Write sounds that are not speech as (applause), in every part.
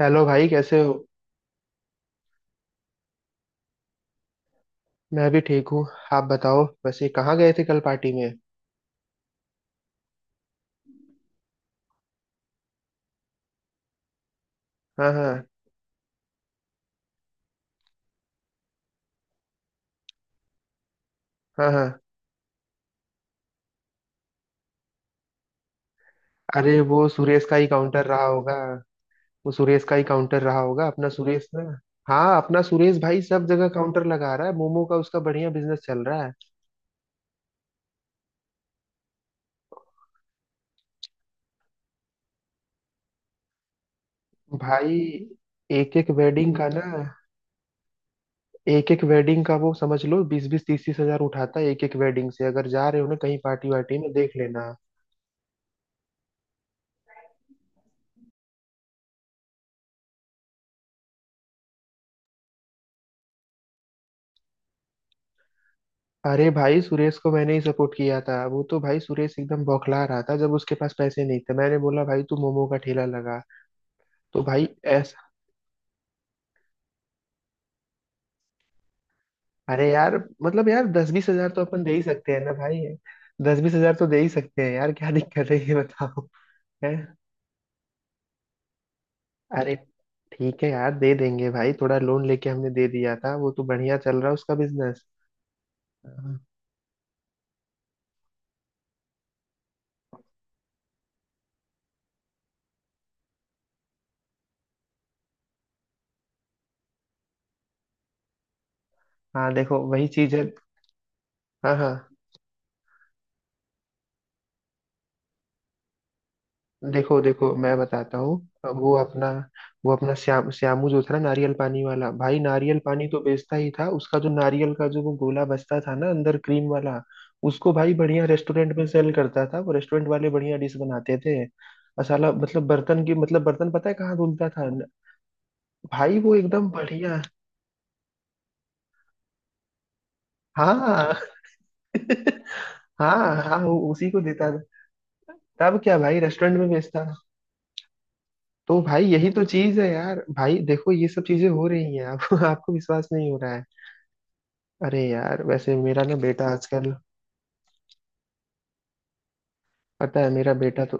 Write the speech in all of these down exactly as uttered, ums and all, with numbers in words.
Hello भाई, कैसे हो। मैं भी ठीक हूँ। आप बताओ वैसे कहाँ गए थे कल पार्टी में। हाँ हाँ। हाँ हाँ। अरे वो सुरेश का ही काउंटर रहा होगा। वो सुरेश का ही काउंटर रहा होगा, अपना सुरेश ना। हाँ, अपना सुरेश भाई सब जगह काउंटर लगा रहा है मोमो का, उसका बढ़िया बिजनेस चल रहा है। भाई, एक एक वेडिंग का ना, एक एक वेडिंग का वो समझ लो बीस बीस तीस तीस हजार उठाता है एक एक वेडिंग से। अगर जा रहे हो ना कहीं पार्टी वार्टी में देख लेना। अरे भाई, सुरेश को मैंने ही सपोर्ट किया था। वो तो भाई सुरेश एकदम बौखला रहा था जब उसके पास पैसे नहीं थे। मैंने बोला भाई तू मोमो का ठेला लगा। तो भाई ऐसा अरे यार, मतलब यार दस बीस हजार तो अपन दे ही सकते हैं ना भाई। दस बीस हजार तो दे ही सकते हैं यार, क्या दिक्कत है ये बताओ। है। अरे, ठीक है यार, दे देंगे भाई। थोड़ा लोन लेके हमने दे दिया था, वो तो बढ़िया चल रहा है उसका बिजनेस। हाँ। हाँ, देखो वही चीज है। हाँ हाँ। देखो देखो मैं बताता हूँ। अब वो अपना वो अपना श्याम श्यामू जो था ना नारियल पानी वाला, भाई नारियल पानी तो बेचता ही था। उसका जो नारियल का जो वो गोला बचता था ना अंदर क्रीम वाला, उसको भाई बढ़िया रेस्टोरेंट में सेल करता था। वो रेस्टोरेंट वाले बढ़िया डिश बनाते थे और साला मतलब बर्तन की मतलब बर्तन पता है कहाँ धुलता था? भाई वो एकदम बढ़िया। हाँ। हाँ हाँ, वो उसी को देता था। तब क्या भाई रेस्टोरेंट में बेचता था। तो भाई यही तो चीज है यार। भाई देखो ये सब चीजें हो रही हैं आप (laughs) आपको विश्वास नहीं हो रहा है। अरे यार वैसे मेरा ना बेटा आजकल। पता है मेरा बेटा तो।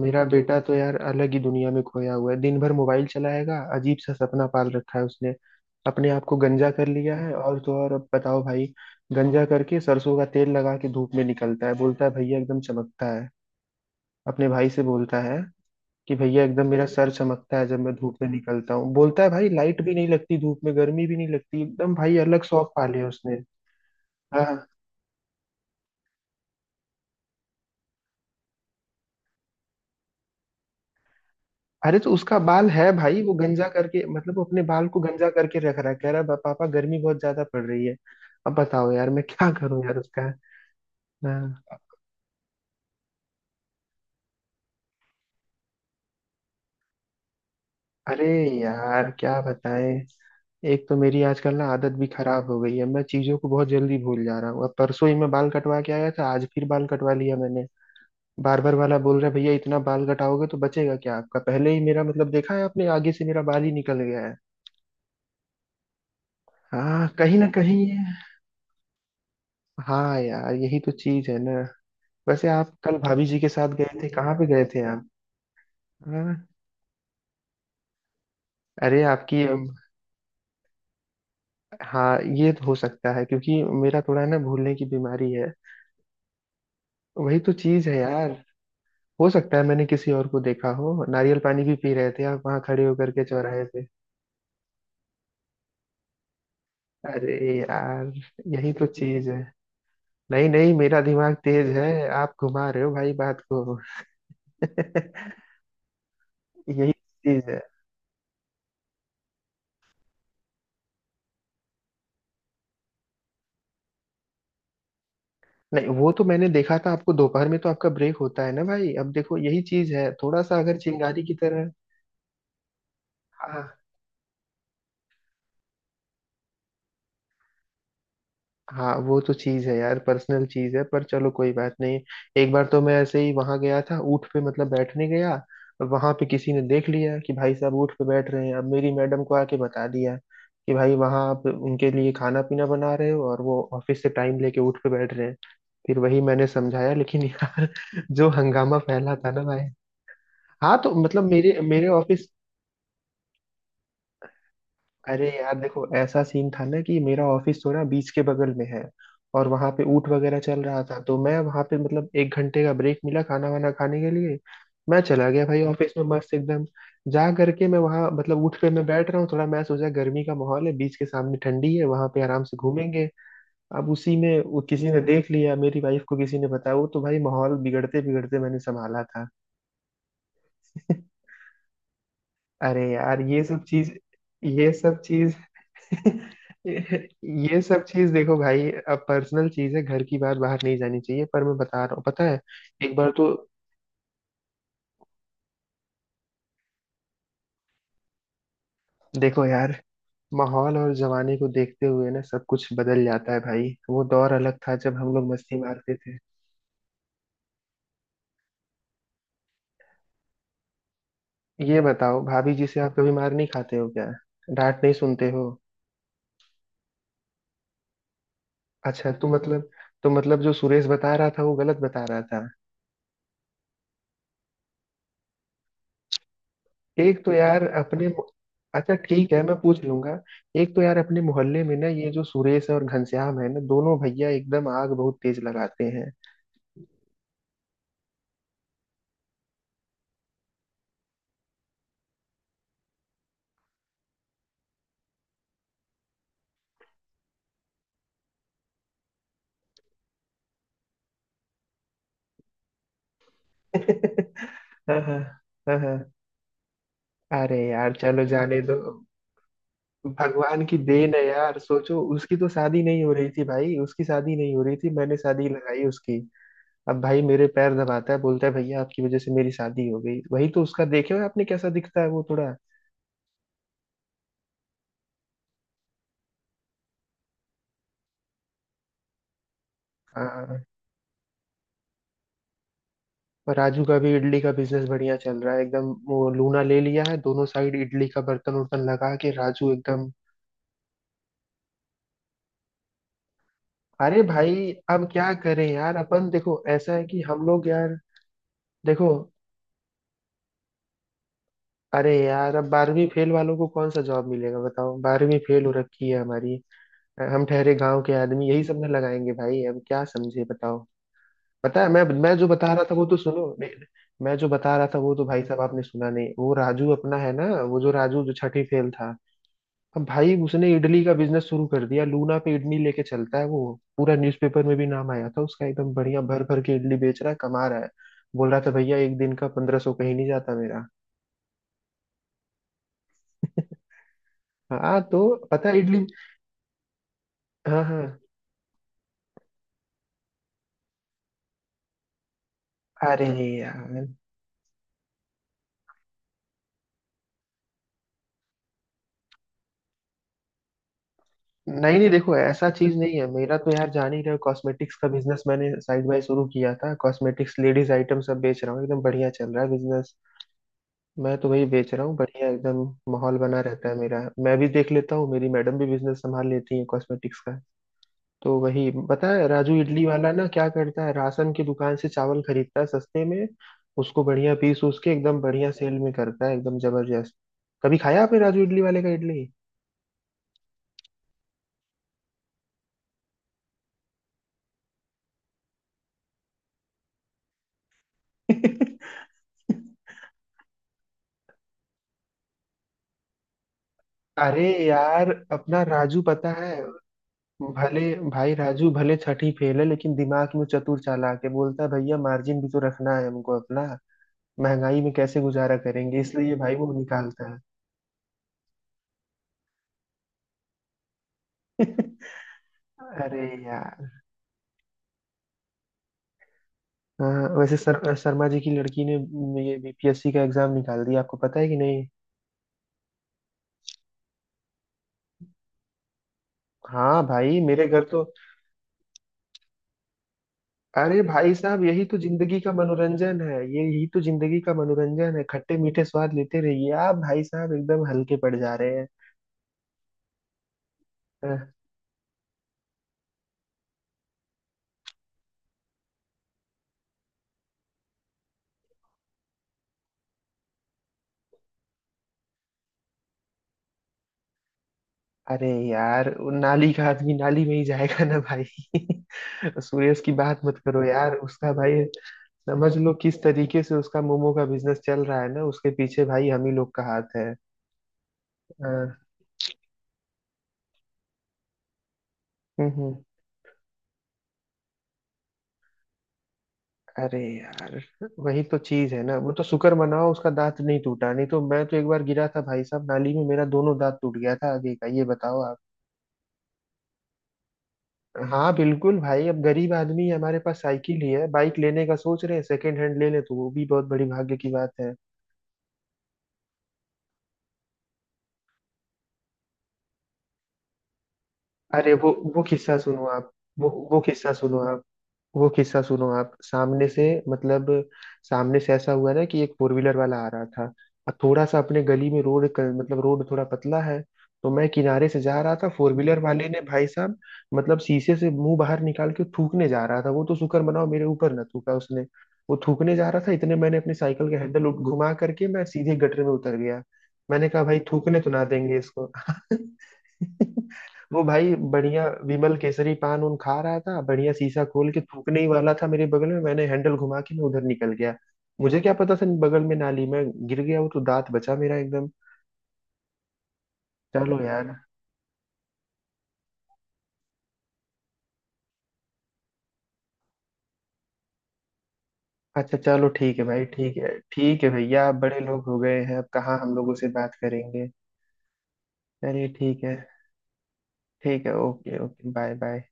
मेरा बेटा तो यार अलग ही दुनिया में खोया हुआ है। दिन भर मोबाइल चलाएगा। अजीब सा सपना पाल रखा है उसने। अपने आप को गंजा कर लिया है और तो और, अब बताओ भाई। गंजा करके सरसों का तेल लगा के धूप में निकलता है, बोलता है भैया एकदम चमकता है। अपने भाई से बोलता है कि भैया एकदम मेरा सर चमकता है जब मैं धूप में निकलता हूँ। बोलता है भाई लाइट भी नहीं लगती, धूप में गर्मी भी नहीं लगती। एकदम भाई अलग शौक पाले उसने। हाँ। अरे तो उसका बाल है भाई, वो गंजा करके मतलब वो अपने बाल को गंजा करके रख रहा है, कह रहा है "पा- पापा गर्मी बहुत ज्यादा पड़ रही है।" अब बताओ यार मैं क्या करूं यार उसका। हाँ। अरे यार क्या बताएं। एक तो मेरी आजकल ना आदत भी खराब हो गई है, मैं चीजों को बहुत जल्दी भूल जा रहा हूँ। अब परसों ही मैं बाल कटवा के आया था, आज फिर बाल कटवा लिया मैंने। बार बार वाला बोल रहा है भैया इतना बाल कटाओगे तो बचेगा क्या आपका? पहले ही मेरा मतलब देखा है आपने आगे से मेरा बाल ही निकल गया है। हाँ कहीं ना कहीं ये- हाँ यार यही तो चीज है ना। वैसे आप कल भाभी जी के साथ गए थे कहाँ पे गए थे आप? हाँ। अरे आपकी। हाँ ये तो हो सकता है क्योंकि मेरा थोड़ा ना भूलने की बीमारी है। वही तो चीज है यार। हो सकता है मैंने किसी और को देखा हो। नारियल पानी भी पी रहे थे आप वहाँ खड़े होकर के चौराहे पे। अरे यार। यही तो चीज है। नहीं नहीं मेरा दिमाग तेज है, आप घुमा रहे हो भाई बात को। (laughs) यही चीज है। नहीं, वो तो मैंने देखा था आपको। दोपहर में तो आपका ब्रेक होता है ना भाई। अब देखो यही चीज है, थोड़ा सा अगर चिंगारी की तरह। हाँ। हाँ वो तो चीज़ है यार, पर्सनल चीज़ है, पर चलो कोई बात नहीं। एक बार तो मैं ऐसे ही वहां गया था ऊँट पे मतलब बैठने गया। और वहां पे किसी ने देख लिया कि भाई साहब ऊँट पे बैठ रहे हैं, अब मेरी मैडम को आके बता दिया कि भाई वहां आप उनके लिए खाना पीना बना रहे हो और वो ऑफिस से टाइम लेके ऊँट पे बैठ रहे हैं। फिर वही मैंने समझाया, लेकिन यार (laughs) जो हंगामा फैला था ना भाई। हाँ तो मतलब मेरे मेरे ऑफिस। अरे यार देखो ऐसा सीन था ना कि मेरा ऑफिस थोड़ा बीच के बगल में है। और वहां पे ऊंट वगैरह चल रहा था तो मैं वहां पे मतलब एक घंटे का ब्रेक मिला खाना वाना खाने के लिए। मैं चला गया भाई, ऑफिस में मस्त एकदम जा करके मैं वहां मतलब ऊंट पे मैं बैठ रहा हूँ। थोड़ा मैं सोचा गर्मी का माहौल है, बीच के सामने ठंडी है, वहां पे आराम से घूमेंगे। अब उसी में वो किसी ने देख लिया, मेरी वाइफ को किसी ने बताया, वो तो भाई माहौल बिगड़ते बिगड़ते मैंने संभाला था। (laughs) अरे यार। ये सब चीज ये सब चीज (laughs) ये सब चीज देखो भाई, अब पर्सनल चीज है, घर की बात बाहर नहीं जानी चाहिए, पर मैं बता रहा हूँ, पता है। एक बार तो। देखो यार, माहौल और जमाने को देखते हुए ना सब कुछ बदल जाता है भाई। वो दौर अलग था जब हम लोग मस्ती मारते थे। ये बताओ भाभी जी से आप कभी मार नहीं खाते हो क्या? डांट नहीं सुनते हो? अच्छा तो मतलब, तो मतलब जो सुरेश बता रहा था वो गलत बता रहा था? एक तो यार अपने। अच्छा ठीक है, मैं पूछ लूंगा। एक तो यार अपने मोहल्ले में ना ये जो सुरेश और घनश्याम है ना, दोनों भैया एकदम आग बहुत तेज लगाते हैं। (laughs) हाँ हाँ। हाँ, हाँ। अरे यार चलो जाने दो। भगवान की देन है यार, सोचो उसकी तो शादी नहीं हो रही थी। भाई उसकी शादी नहीं हो रही थी, मैंने शादी लगाई उसकी। अब भाई मेरे पैर दबाता है, बोलता है भैया आपकी वजह से मेरी शादी हो गई। वही तो उसका देखे हो आपने कैसा दिखता है वो थोड़ा। हाँ। पर राजू का भी इडली का बिजनेस बढ़िया चल रहा है एकदम, वो लूना ले लिया है, दोनों साइड इडली का बर्तन उर्तन लगा के राजू एकदम। अरे भाई अब क्या करें यार। अपन देखो ऐसा है कि हम लोग यार, देखो अरे यार अब बारहवीं फेल वालों को कौन सा जॉब मिलेगा बताओ? बारहवीं फेल हो रखी है हमारी। हम ठहरे गांव के आदमी, यही सब ना लगाएंगे भाई, अब क्या समझे बताओ। पता है, मैं मैं जो बता रहा था वो तो सुनो। मैं मैं जो बता रहा था वो तो भाई साहब आपने सुना नहीं। वो राजू अपना है ना, वो जो राजू जो छठी फेल था, अब भाई उसने इडली का बिजनेस शुरू कर दिया। लूना पे इडली लेके चलता है वो। पूरा न्यूज़पेपर में भी नाम आया था उसका। एकदम बढ़िया भर भर के इडली बेच रहा है, कमा रहा है। बोल रहा था भैया एक दिन का पंद्रह सौ कहीं नहीं जाता मेरा। हाँ। तो पता है इडली। हाँ हाँ। अरे यार नहीं नहीं देखो ऐसा चीज नहीं है मेरा, तो यार जान ही रहे हो कॉस्मेटिक्स का बिजनेस मैंने साइड बाय शुरू किया था। कॉस्मेटिक्स लेडीज आइटम सब बेच रहा हूँ एकदम बढ़िया चल रहा है बिजनेस। मैं तो वही बेच रहा हूँ बढ़िया एकदम। माहौल बना रहता है मेरा। मैं भी देख लेता हूँ, मेरी मैडम भी बिजनेस संभाल लेती है कॉस्मेटिक्स का। तो वही पता है राजू इडली वाला ना क्या करता है, राशन की दुकान से चावल खरीदता है सस्ते में। उसको बढ़िया पीस उस के एकदम बढ़िया सेल में करता है एकदम जबरदस्त। कभी खाया आपने राजू इडली वाले का इडली? (laughs) अरे यार अपना राजू पता है भले, भाई राजू भले छठी फेल है लेकिन दिमाग में चतुर चालाक है, बोलता है भैया मार्जिन भी तो रखना है हमको अपना, महंगाई में कैसे गुजारा करेंगे, इसलिए भाई वो निकालता है। अरे यार। हाँ वैसे सर शर्मा जी की लड़की ने ये बी पी एस सी का एग्जाम निकाल दिया, आपको पता है कि नहीं? हाँ भाई मेरे घर तो। अरे भाई साहब यही तो जिंदगी का मनोरंजन है, ये यही तो जिंदगी का मनोरंजन है। खट्टे मीठे स्वाद लेते रहिए आप भाई साहब, एकदम हल्के पड़ जा रहे हैं। अरे यार, वो नाली का आदमी नाली में ही जाएगा ना भाई। (laughs) सुरेश की बात मत करो यार, उसका भाई समझ लो किस तरीके से उसका मोमो का बिजनेस चल रहा है ना, उसके पीछे भाई हम ही लोग का हाथ है। हाँ। हम्म हम्म। अरे यार वही तो चीज है ना, वो तो शुक्र मनाओ उसका दांत नहीं टूटा, नहीं तो मैं तो एक बार गिरा था भाई साहब नाली में, मेरा दोनों दांत टूट गया था आगे का। ये बताओ आप। हाँ बिल्कुल भाई, अब गरीब आदमी है, हमारे पास साइकिल ही है, बाइक लेने का सोच रहे हैं सेकेंड हैंड ले ले तो वो भी बहुत बड़ी भाग्य की बात है। अरे वो वो किस्सा सुनो आप, वो वो किस्सा सुनो आप, वो किस्सा सुनो आप सामने से मतलब। सामने से ऐसा हुआ ना कि एक फोर व्हीलर वाला आ रहा था, और थोड़ा सा अपने गली में रोड क- मतलब रोड थोड़ा पतला है। तो मैं किनारे से जा रहा था, फोर व्हीलर वाले ने भाई साहब मतलब शीशे से मुंह बाहर निकाल के थूकने जा रहा था, वो तो शुक्र मनाओ मेरे ऊपर ना थूका उसने। वो थूकने जा रहा था इतने मैंने अपनी साइकिल का हैंडल घुमा करके मैं सीधे गटर में उतर गया। मैंने कहा भाई थूकने तो ना देंगे इसको। (laughs) वो भाई बढ़िया विमल केसरी पान उन खा रहा था, बढ़िया शीशा खोल के थूकने ही वाला था मेरे बगल में, मैंने हैंडल घुमा के मैं उधर निकल गया। मुझे क्या पता था बगल में नाली में गिर गया। वो तो दांत बचा मेरा एकदम। चलो यार। अच्छा चलो ठीक है भाई, ठीक है ठीक है, भैया आप बड़े लोग हो गए हैं अब कहाँ हम लोगों से बात करेंगे। चलिए ठीक है। ठीक है, ओके ओके, बाय बाय।